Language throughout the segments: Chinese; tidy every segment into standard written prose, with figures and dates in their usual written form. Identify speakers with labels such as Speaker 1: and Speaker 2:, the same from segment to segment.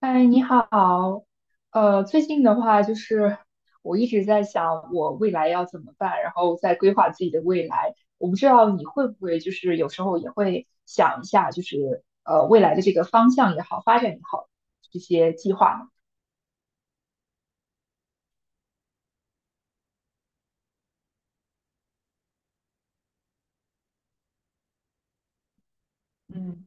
Speaker 1: 嗨，你好。最近的话，就是我一直在想我未来要怎么办，然后在规划自己的未来。我不知道你会不会，就是有时候也会想一下，就是未来的这个方向也好，发展也好，这些计划呢？嗯。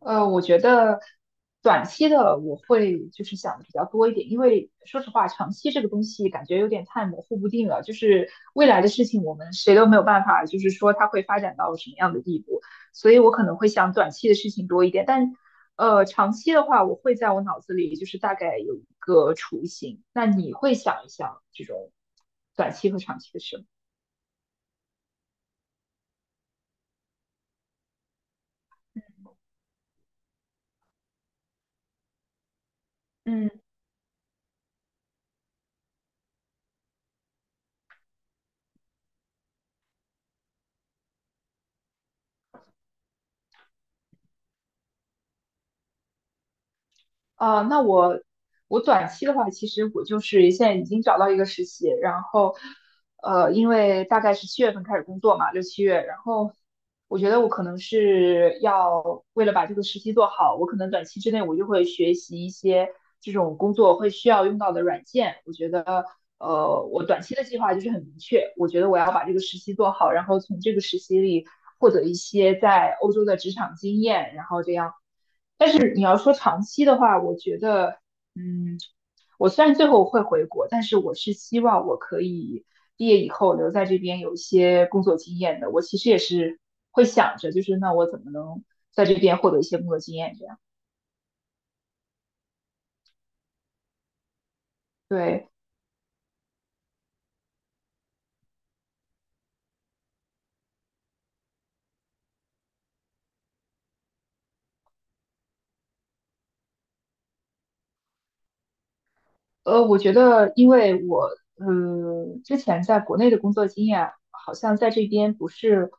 Speaker 1: 我觉得短期的我会就是想的比较多一点，因为说实话，长期这个东西感觉有点太模糊不定了。就是未来的事情，我们谁都没有办法，就是说它会发展到什么样的地步，所以我可能会想短期的事情多一点。但长期的话，我会在我脑子里就是大概有一个雏形。那你会想一想这种短期和长期的事吗？啊，那我短期的话，其实我就是现在已经找到一个实习，然后因为大概是7月份开始工作嘛，6、7月，然后我觉得我可能是要为了把这个实习做好，我可能短期之内我就会学习一些这种工作会需要用到的软件。我觉得我短期的计划就是很明确，我觉得我要把这个实习做好，然后从这个实习里获得一些在欧洲的职场经验，然后这样。是你要说长期的话，我觉得，嗯，我虽然最后会回国，但是我是希望我可以毕业以后留在这边有一些工作经验的。我其实也是会想着，就是那我怎么能在这边获得一些工作经验？这样，对。我觉得因为我，之前在国内的工作经验好像在这边不是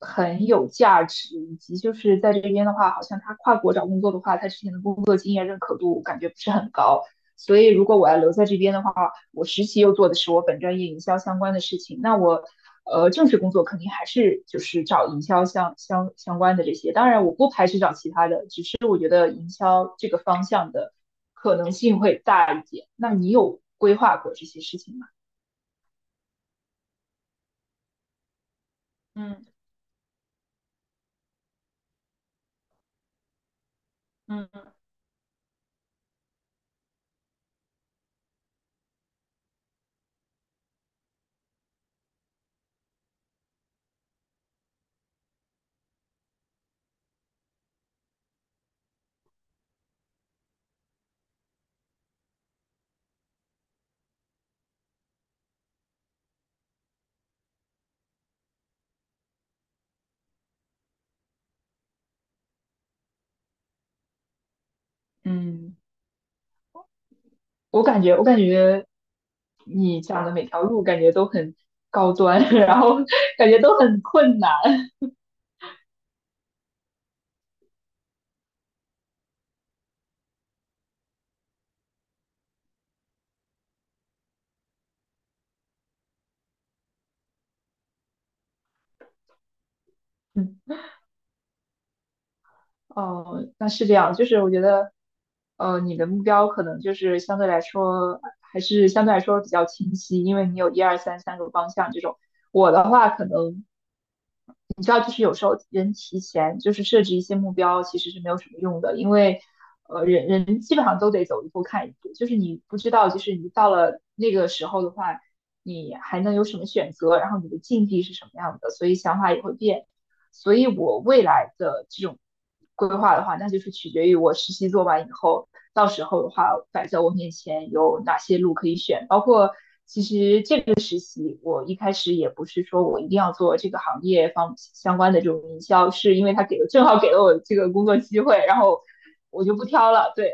Speaker 1: 很有价值，以及就是在这边的话，好像他跨国找工作的话，他之前的工作经验认可度感觉不是很高。所以如果我要留在这边的话，我实习又做的是我本专业营销相关的事情，那我正式工作肯定还是就是找营销相关的这些。当然，我不排斥找其他的，只是我觉得营销这个方向的可能性会大一点。那你有规划过这些事情吗？嗯嗯嗯。我感觉你讲的每条路感觉都很高端，然后感觉都很困难。嗯。哦，那是这样，就是我觉得，你的目标可能就是相对来说，还是相对来说比较清晰，因为你有一二三三个方向这种。我的话，可能你知道，就是有时候人提前就是设置一些目标，其实是没有什么用的，因为，人人基本上都得走一步看一步，就是你不知道，就是你到了那个时候的话，你还能有什么选择，然后你的境地是什么样的，所以想法也会变。所以我未来的这种规划的话，那就是取决于我实习做完以后，到时候的话摆在我面前有哪些路可以选，包括其实实习，我一开始也不是说我一定要做这个行业方相关的这种营销，是因为他给了正好给了我这个工作机会，然后我就不挑了。对，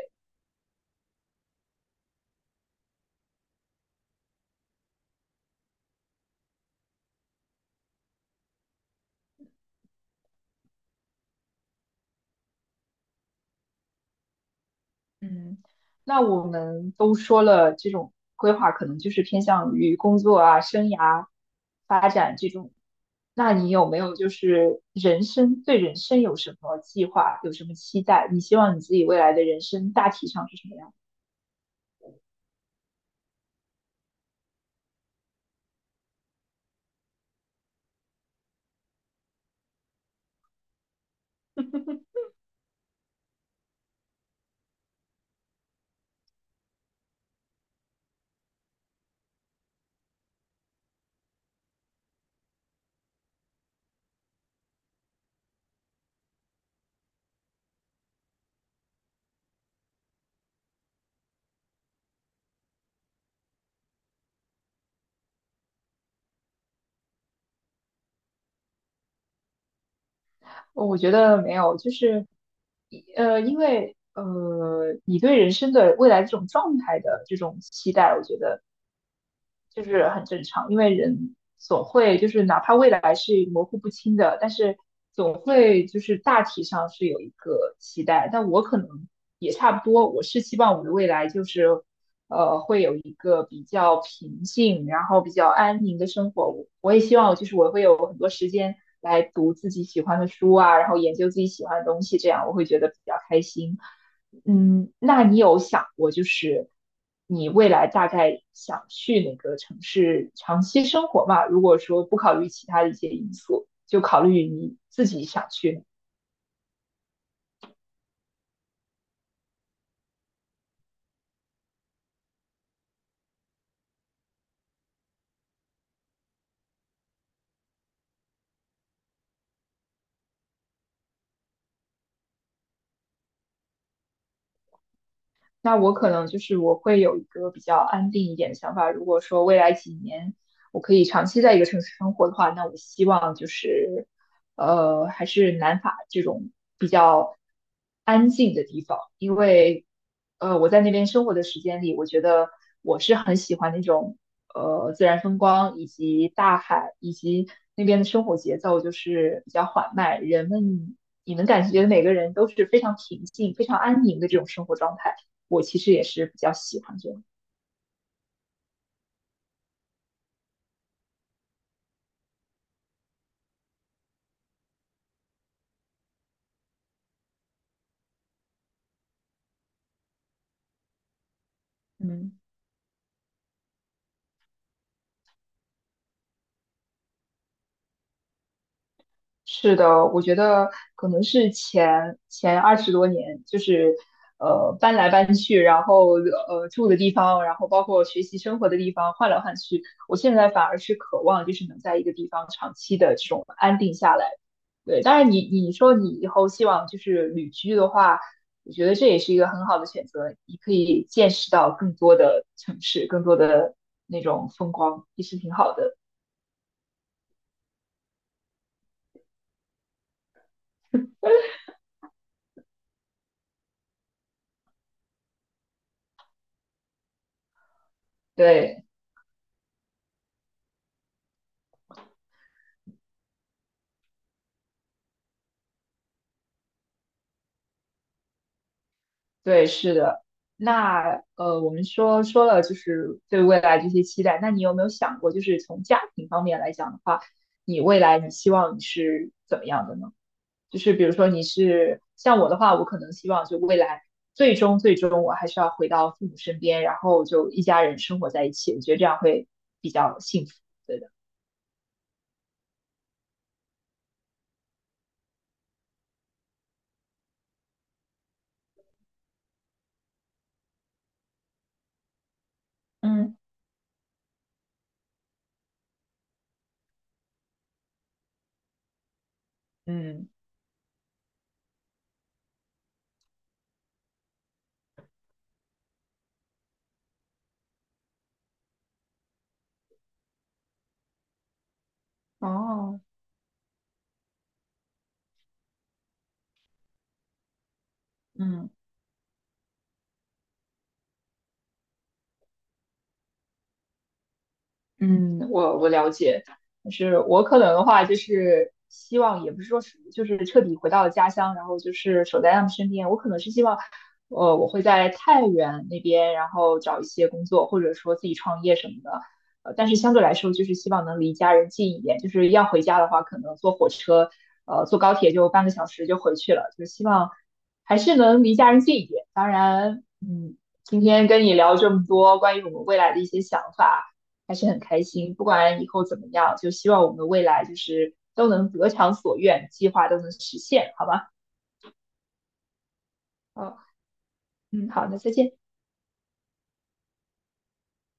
Speaker 1: 嗯，那我们都说了，这种规划可能就是偏向于工作啊、生涯发展这种。那你有没有就是人生，对人生有什么计划，有什么期待？你希望你自己未来的人生大体上是什么样？我觉得没有，就是因为你对人生的未来这种状态的这种期待，我觉得。就是很正常，因为人总会就是哪怕未来是模糊不清的，但是总会就是大体上是有一个期待。但我可能也差不多，我是希望我的未来就是会有一个比较平静，然后比较安宁的生活。我也希望就是我会有很多时间来读自己喜欢的书啊，然后研究自己喜欢的东西，这样我会觉得比较开心。嗯，那你有想过，就是你未来大概想去哪个城市长期生活吗？如果说不考虑其他的一些因素，就考虑你自己想去。那我可能就是我会有一个比较安定一点的想法。如果说未来几年我可以长期在一个城市生活的话，那我希望就是还是南法这种比较安静的地方，因为我在那边生活的时间里，我觉得我是很喜欢那种自然风光以及大海以及那边的生活节奏就是比较缓慢，人们。你能感觉每个人都是非常平静、非常安宁的这种生活状态。我其实也是比较喜欢这样。嗯，是的，我觉得可能是前20多年，就是搬来搬去，然后住的地方，然后包括学习生活的地方换来换去，我现在反而是渴望就是能在一个地方长期的这种安定下来。对，当然你说你以后希望就是旅居的话，我觉得这也是一个很好的选择，你可以见识到更多的城市，更多的那种风光，也是挺好的。对。对，是的。那我们说了就是对未来这些期待，那你有没有想过，就是从家庭方面来讲的话，你未来你希望你是怎么样的呢？就是比如说你是像我的话，我可能希望就未来最终我还是要回到父母身边，然后就一家人生活在一起，我觉得这样会比较幸福。对的。嗯。嗯。哦。嗯。嗯，我了解，就是我可能的话，就是希望也不是说是就是彻底回到了家乡，然后就是守在他们身边。我可能是希望，我会在太原那边，然后找一些工作，或者说自己创业什么的。但是相对来说，就是希望能离家人近一点。就是要回家的话，可能坐火车，坐高铁就半个小时就回去了。就是希望还是能离家人近一点。当然，今天跟你聊这么多关于我们未来的一些想法。还是很开心。不管以后怎么样，就希望我们未来就是都能得偿所愿，计划都能实现，好吧？哦，嗯，好，那再见。